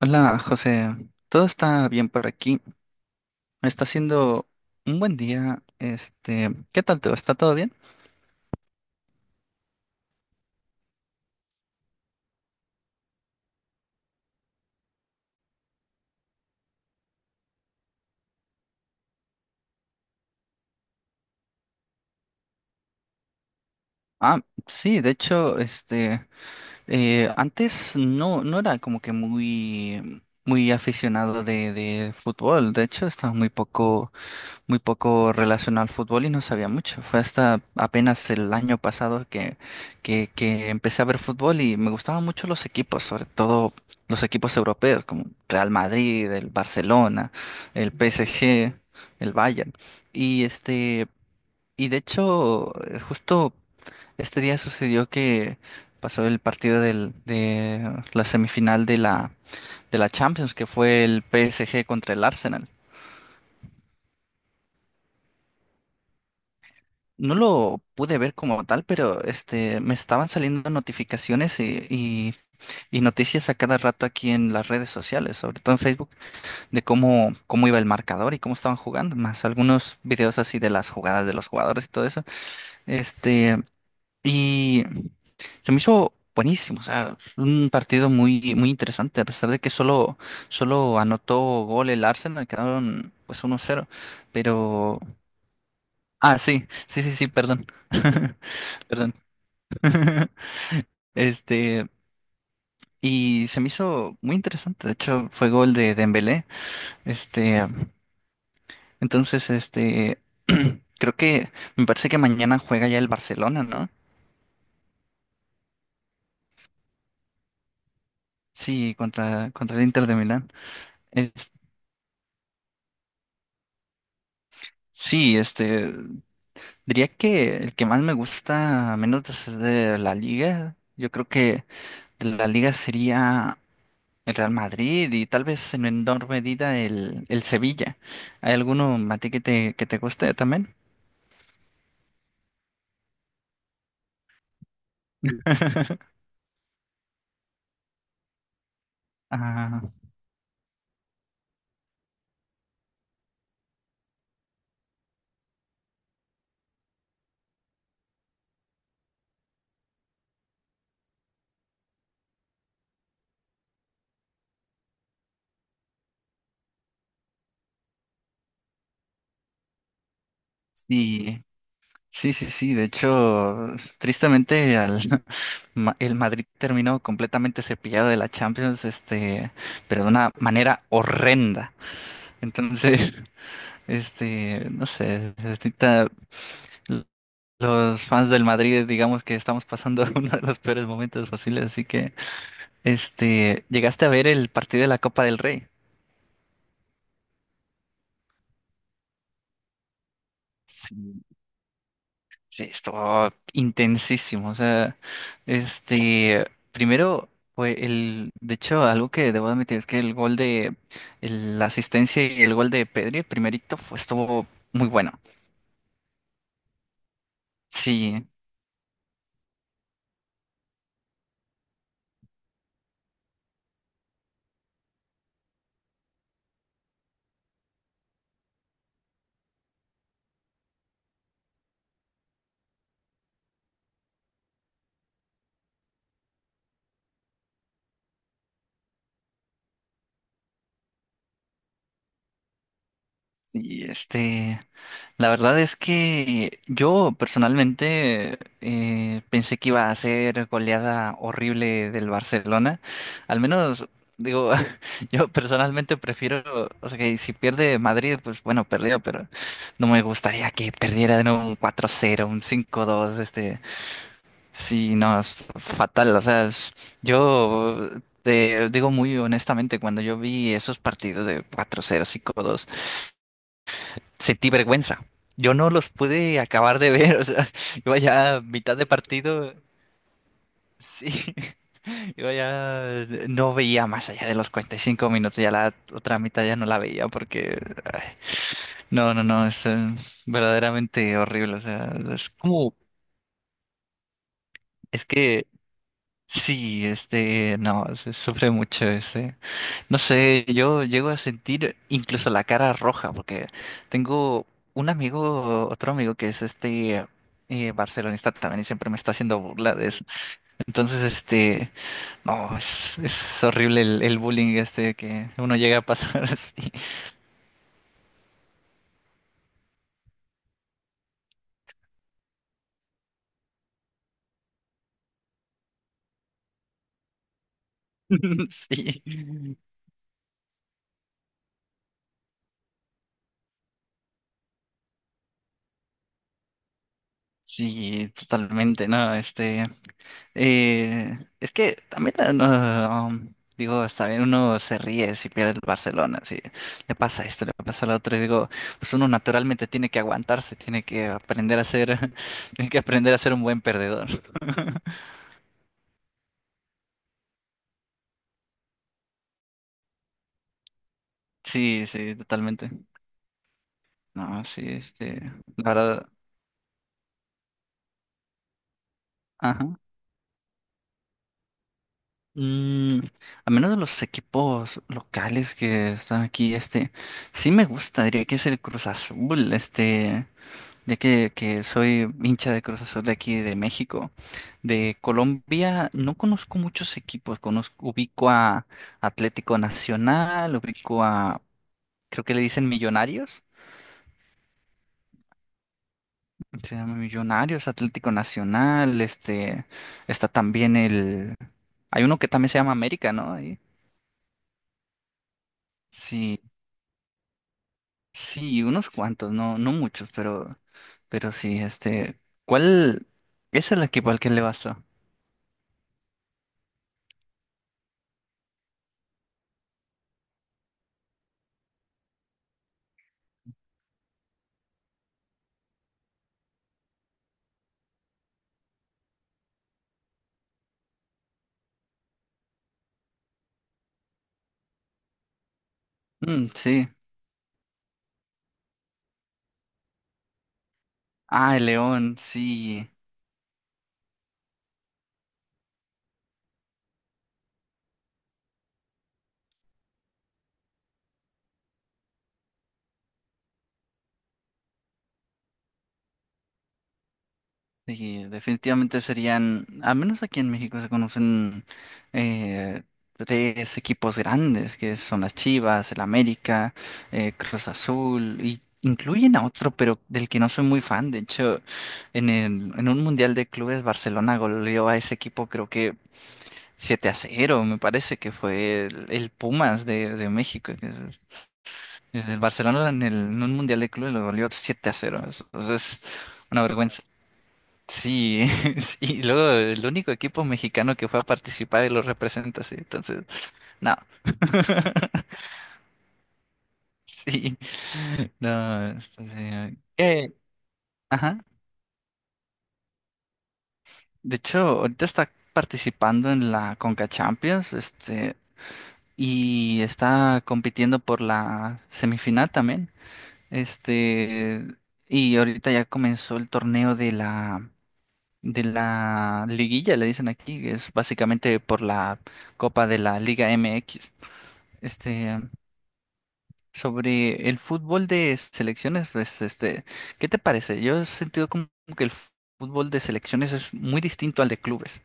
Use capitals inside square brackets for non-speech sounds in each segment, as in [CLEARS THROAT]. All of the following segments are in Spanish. Hola, José. Todo está bien por aquí. Está siendo un buen día. ¿Qué tal tú? ¿Está todo bien? Ah, sí, de hecho, antes no era como que muy aficionado de fútbol. De hecho, estaba muy poco muy poco relacionado al fútbol y no sabía mucho. Fue hasta apenas el año pasado que empecé a ver fútbol y me gustaban mucho los equipos, sobre todo los equipos europeos como Real Madrid, el Barcelona, el PSG, el Bayern. Y este, y de hecho, justo este día sucedió que pasó el partido de la semifinal de la Champions, que fue el PSG contra el Arsenal. No lo pude ver como tal, pero este, me estaban saliendo notificaciones y noticias a cada rato aquí en las redes sociales, sobre todo en Facebook, de cómo iba el marcador y cómo estaban jugando, más algunos videos así de las jugadas de los jugadores y todo eso. Este, y se me hizo buenísimo, o sea, un partido muy interesante, a pesar de que solo anotó gol el Arsenal, quedaron pues 1-0 pero... Ah, sí, sí, perdón. [LAUGHS] Perdón. [LAUGHS] Este, y se me hizo muy interesante. De hecho, fue gol de Dembélé. Este, entonces, [CLEARS THROAT] creo que me parece que mañana juega ya el Barcelona, ¿no? Sí, contra el Inter de Milán. Es- sí, este, diría que el que más me gusta, a menos es de la Liga. Yo creo que de la Liga sería el Real Madrid y tal vez en menor medida el Sevilla. ¿Hay alguno, Mati, que te guste también? [LAUGHS] Ah, sí, sí, sí. De hecho, tristemente al, [LAUGHS] el Madrid terminó completamente cepillado de la Champions, este, pero de una manera horrenda. Entonces, [LAUGHS] este, no sé, ahorita l- los fans del Madrid, digamos que estamos pasando [LAUGHS] uno de los peores momentos posibles. Así que, este, ¿llegaste a ver el partido de la Copa del Rey? Sí. Sí, estuvo intensísimo. O sea, este, primero fue de hecho, algo que debo admitir es que el gol de la asistencia y el gol de Pedri, el primerito, estuvo muy bueno. Sí, sí, este. La verdad es que yo personalmente pensé que iba a ser goleada horrible del Barcelona. Al menos, digo, [LAUGHS] yo personalmente o sea, que si pierde Madrid, pues bueno, perdió, pero no me gustaría que perdiera de nuevo un 4-0, un 5-2, sí, no, es fatal. O sea, yo te digo muy honestamente, cuando yo vi esos partidos de 4-0, 5-2 sentí vergüenza. Yo no los pude acabar de ver, o sea, [LAUGHS] iba ya a mitad de partido, sí, [LAUGHS] iba ya, no veía más allá de los 45 minutos, ya la otra mitad ya no la veía porque, ay, no, es verdaderamente horrible, o sea, es como, es que, sí, este, no, se sufre mucho, este. No sé, yo llego a sentir incluso la cara roja, porque tengo un amigo, otro amigo que es barcelonista también y siempre me está haciendo burla de eso. Entonces, este, no, es horrible el bullying este que uno llega a pasar [LAUGHS] así. [LAUGHS] Sí. Sí, totalmente, ¿no? Es que también, no, um, digo, está bien, uno se ríe si pierde el Barcelona, si le pasa esto, le pasa lo otro, y digo, pues uno naturalmente tiene que aguantarse, tiene que aprender a ser, [LAUGHS] tiene que aprender a ser un buen perdedor. Sí, sí, totalmente. No, sí, la verdad, ajá. Mm, a menos de los equipos locales que están aquí, este, sí me gusta, diría que es el Cruz Azul, este. Ya que soy hincha de Cruz Azul de aquí de México. De Colombia no conozco muchos equipos, conozco, ubico a Atlético Nacional, creo que le dicen Millonarios, se llama Millonarios, Atlético Nacional, este, está también hay uno que también se llama América, ¿no? Ahí. Sí, sí, unos cuantos, no muchos, pero sí, este, ¿cuál es el equipo al que le vas tú? Mm, sí. Ah, el León, sí. Sí, definitivamente serían, al menos aquí en México se conocen eh, tres equipos grandes, que son las Chivas, el América, Cruz Azul, y incluyen a otro, pero del que no soy muy fan. De hecho, en un Mundial de Clubes, Barcelona goleó a ese equipo, creo que 7-0, me parece que fue el Pumas de México. El Barcelona en un Mundial de Clubes lo goleó 7-0. Entonces, una vergüenza. Sí, [LAUGHS] y luego el único equipo mexicano que fue a participar y lo representa, sí. Entonces, no. [LAUGHS] Sí, no. Ajá. De hecho, ahorita está participando en la Conca Champions, este, y está compitiendo por la semifinal también. Este, y ahorita ya comenzó el torneo de la liguilla, le dicen aquí, que es básicamente por la Copa de la Liga MX. Este, sobre el fútbol de selecciones, pues, este, ¿qué te parece? Yo he sentido como que el fútbol de selecciones es muy distinto al de clubes.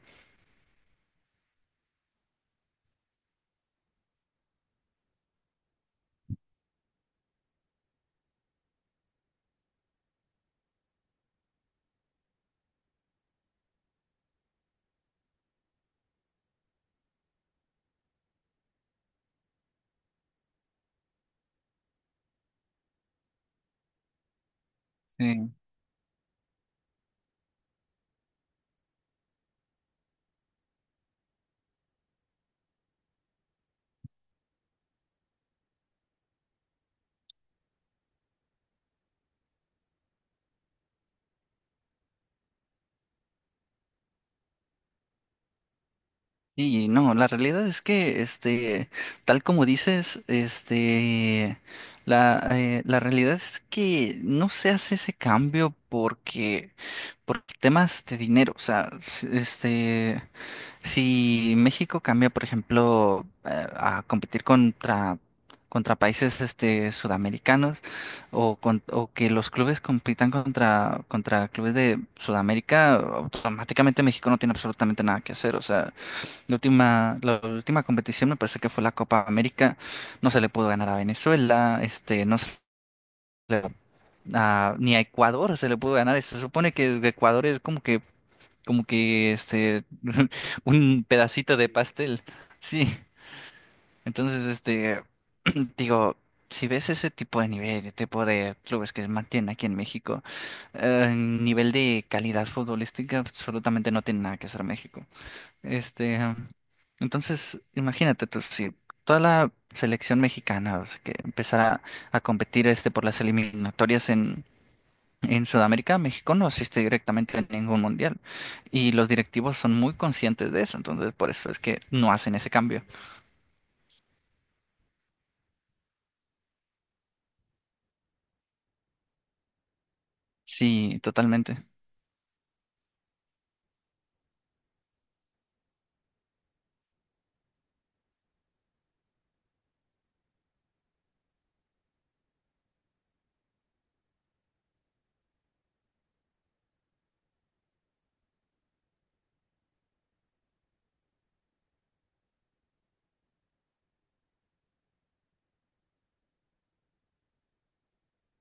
Sí. Y no, la realidad es que, este, tal como dices, este, la realidad es que no se hace ese cambio porque, por temas de dinero, o sea, este, si México cambia, por ejemplo, a competir contra países, este, sudamericanos, o, o que los clubes compitan contra clubes de Sudamérica, automáticamente México no tiene absolutamente nada que hacer, o sea, la última competición me parece que fue la Copa América. No se le pudo ganar a Venezuela, este, le- ni a Ecuador se le pudo ganar. Se supone que Ecuador es como que este, [LAUGHS] un pedacito de pastel. Sí. Entonces, este, [CLEARS THROAT] digo, si ves ese tipo de nivel, el tipo de clubes que se mantienen aquí en México, nivel de calidad futbolística absolutamente no tiene nada que hacer México. Este, um, entonces, imagínate tú, si toda la selección mexicana, o sea, que empezara a competir este por las eliminatorias en Sudamérica, México no asiste directamente a ningún mundial. Y los directivos son muy conscientes de eso, entonces por eso es que no hacen ese cambio. Sí, totalmente.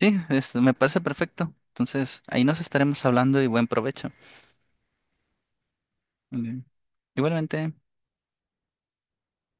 Sí, me parece perfecto. Entonces, ahí nos estaremos hablando y buen provecho. Vale. Igualmente.